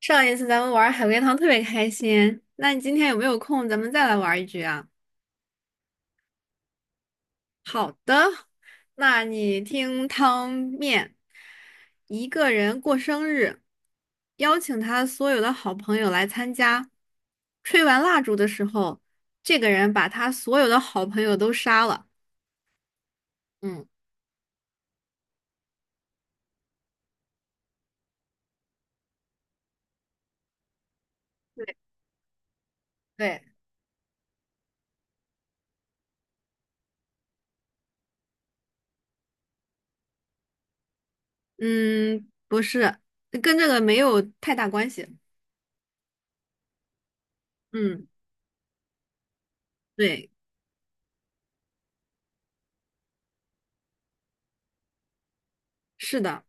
上一次咱们玩海龟汤特别开心，那你今天有没有空？咱们再来玩一局啊？好的，那你听汤面，一个人过生日，邀请他所有的好朋友来参加。吹完蜡烛的时候，这个人把他所有的好朋友都杀了。嗯，对对，嗯，不是，跟这个没有太大关系。嗯，对，是的。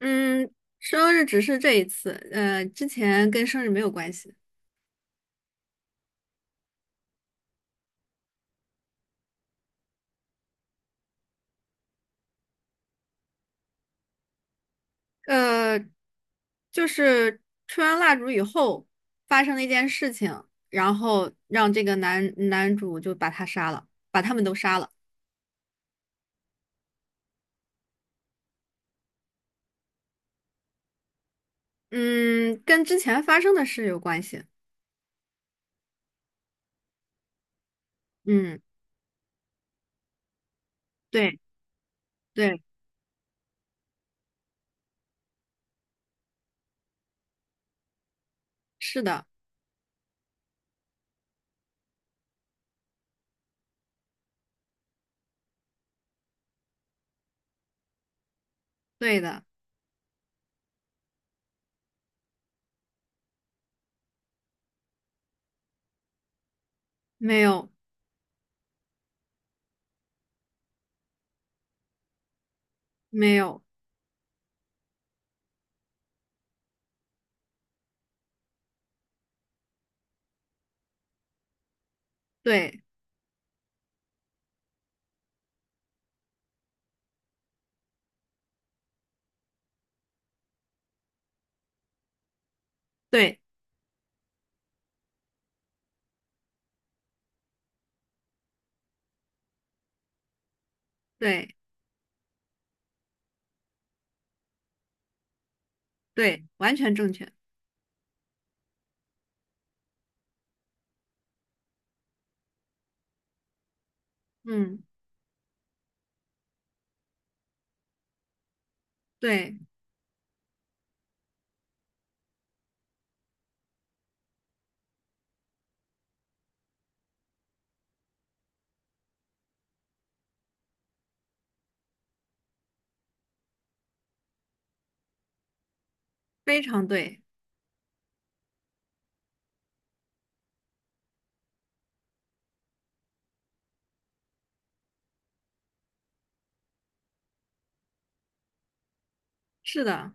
嗯，生日只是这一次，之前跟生日没有关系。呃，就是吹完蜡烛以后发生了一件事情，然后让这个男主就把他杀了，把他们都杀了。嗯，跟之前发生的事有关系。嗯，对对，是的，对的，没有没有，对对对对，完全正确。嗯，对，非常对，是的，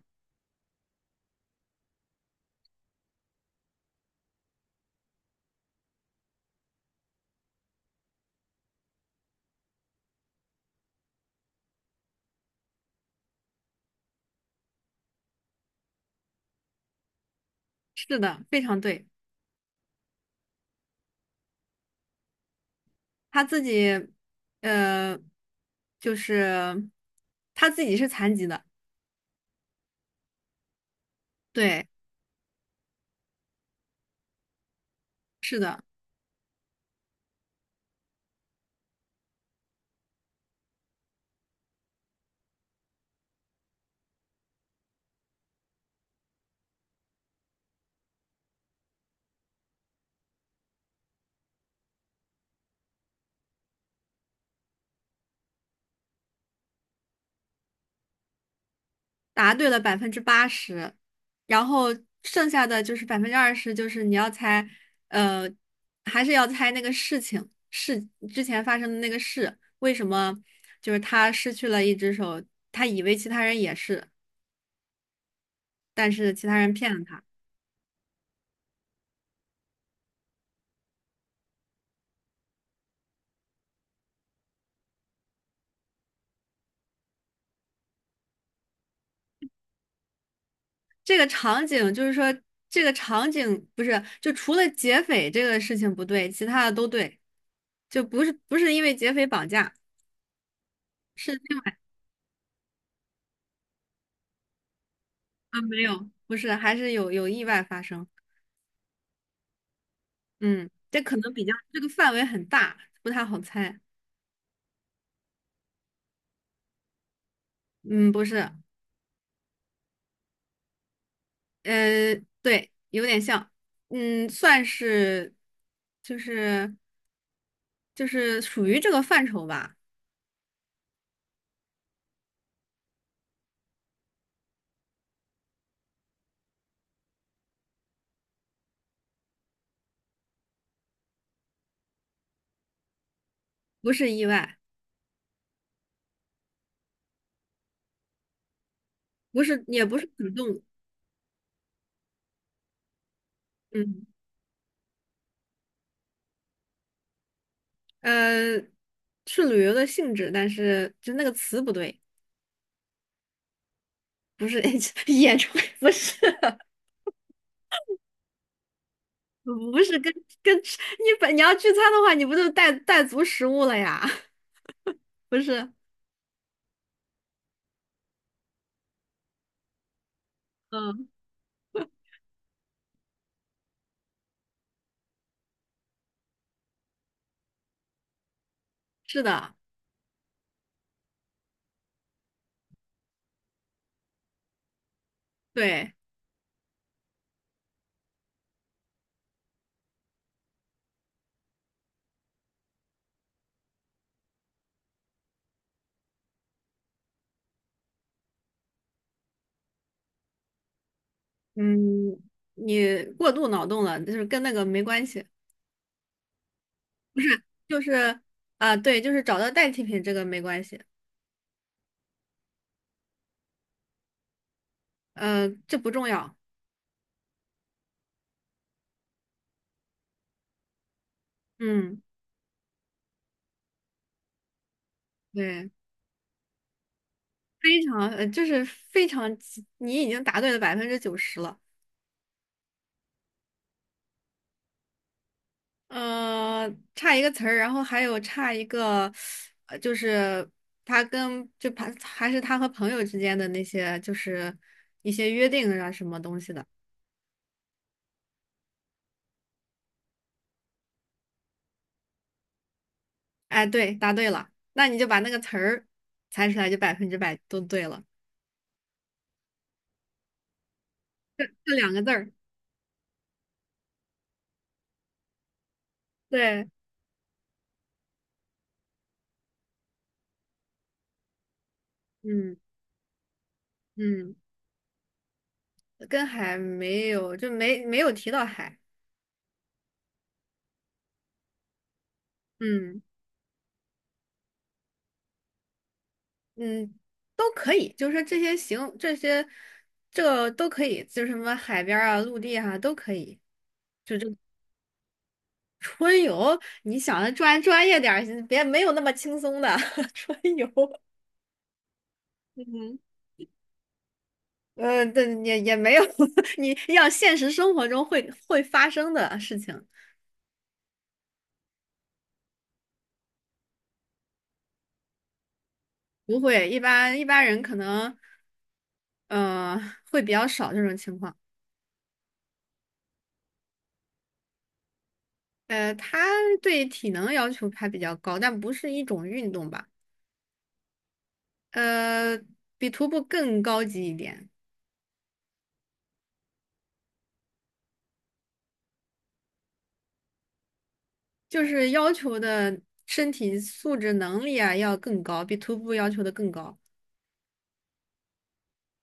是的，非常对。他自己，呃，就是他自己是残疾的，对，是的，答对了80%，然后剩下的就是20%，就是你要猜，呃，还是要猜那个事情，之前发生的那个事，为什么就是他失去了一只手，他以为其他人也是，但是其他人骗了他。这个场景，就是说这个场景不是，就除了劫匪这个事情不对，其他的都对，就不是因为劫匪绑架，是另外啊没有，不是，还是有意外发生。嗯，这可能比较这个范围很大，不太好猜。嗯，不是，呃，对，有点像，嗯，算是就是就是属于这个范畴吧，不是意外，不是也不是主动，嗯。呃，是旅游的性质，但是就那个词不对，不是 演出，不是，不是跟吃你要聚餐的话，你不就带足食物了呀？不是，嗯，是的，对，嗯，你过度脑洞了，就是跟那个没关系，就是啊，对，就是找到代替品这个没关系，这不重要，嗯，对，非常，就是非常，你已经答对了90%了。嗯，差一个词儿，然后还有差一个，就是他跟就还还是他和朋友之间的那些，就是一些约定啊什么东西的。哎，对，答对了，那你就把那个词儿猜出来，就百分之百都对了，就两个字儿。对，嗯嗯，跟海没有，就没有提到海。嗯嗯，都可以，就是说这些这都可以，就是什么海边儿啊、陆地啊都可以。春游，你想的专业点儿，别没有那么轻松的 春游。嗯，但也没有，你要现实生活中会发生的事情，不会，一般人可能，呃，会比较少这种情况。他对体能要求还比较高，但不是一种运动吧？呃，比徒步更高级一点，就是要求的身体素质能力啊要更高，比徒步要求的更高。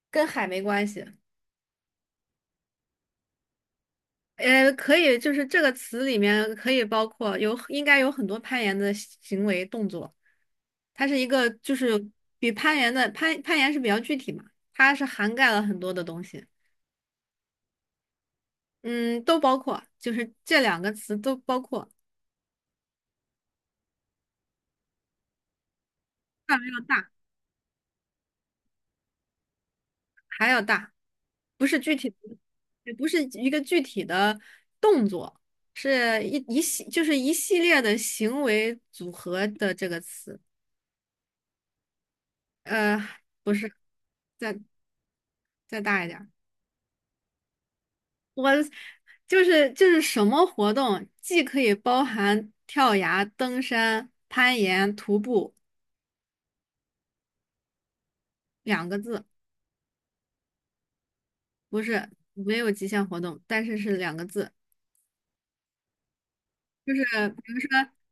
跟海没关系。可以，就是这个词里面可以包括有，应该有很多攀岩的行为动作。它是一个，就是比攀岩的攀岩是比较具体嘛，它是涵盖了很多的东西，嗯，都包括，就是这两个词都包括，范围要大，还要大，不是具体的，也不是一个具体的动作，是一一系，就是一系列的行为组合的这个词，呃，不是。在。再大一点儿。我就是什么活动，既可以包含跳崖、登山、攀岩、徒步两个字，不是没有极限活动，但是是两个字，就是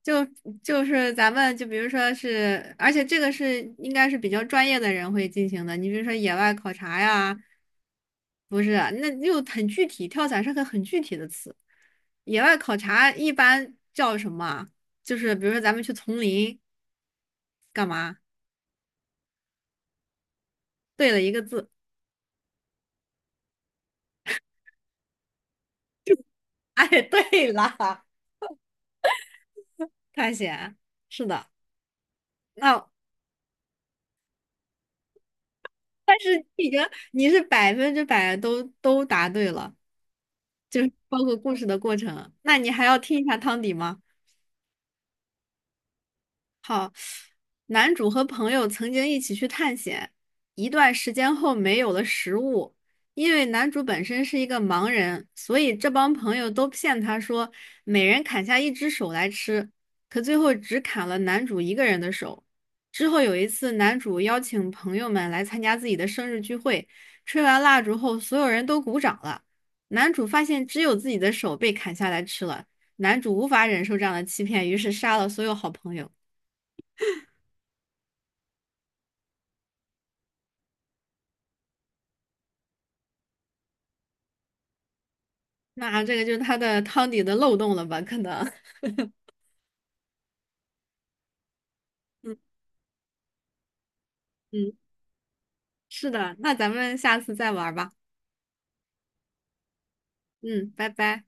就就是咱们就比如说是，而且这个是应该是比较专业的人会进行的，你比如说野外考察呀，不是，那又很具体，跳伞是个很具体的词。野外考察一般叫什么啊就是比如说咱们去丛林。干嘛？对了一个字。哎，对了，探险。是的，那、已经你是百分之百都答对了，就是包括故事的过程。那你还要听一下汤底吗？好。男主和朋友曾经一起去探险，一段时间后没有了食物，因为男主本身是一个盲人，所以这帮朋友都骗他说每人砍下一只手来吃，可最后只砍了男主一个人的手。之后有一次，男主邀请朋友们来参加自己的生日聚会，吹完蜡烛后，所有人都鼓掌了。男主发现只有自己的手被砍下来吃了，男主无法忍受这样的欺骗，于是杀了所有好朋友。那这个就是它的汤底的漏洞了吧？可能，嗯嗯，是的。那咱们下次再玩儿吧。嗯，拜拜。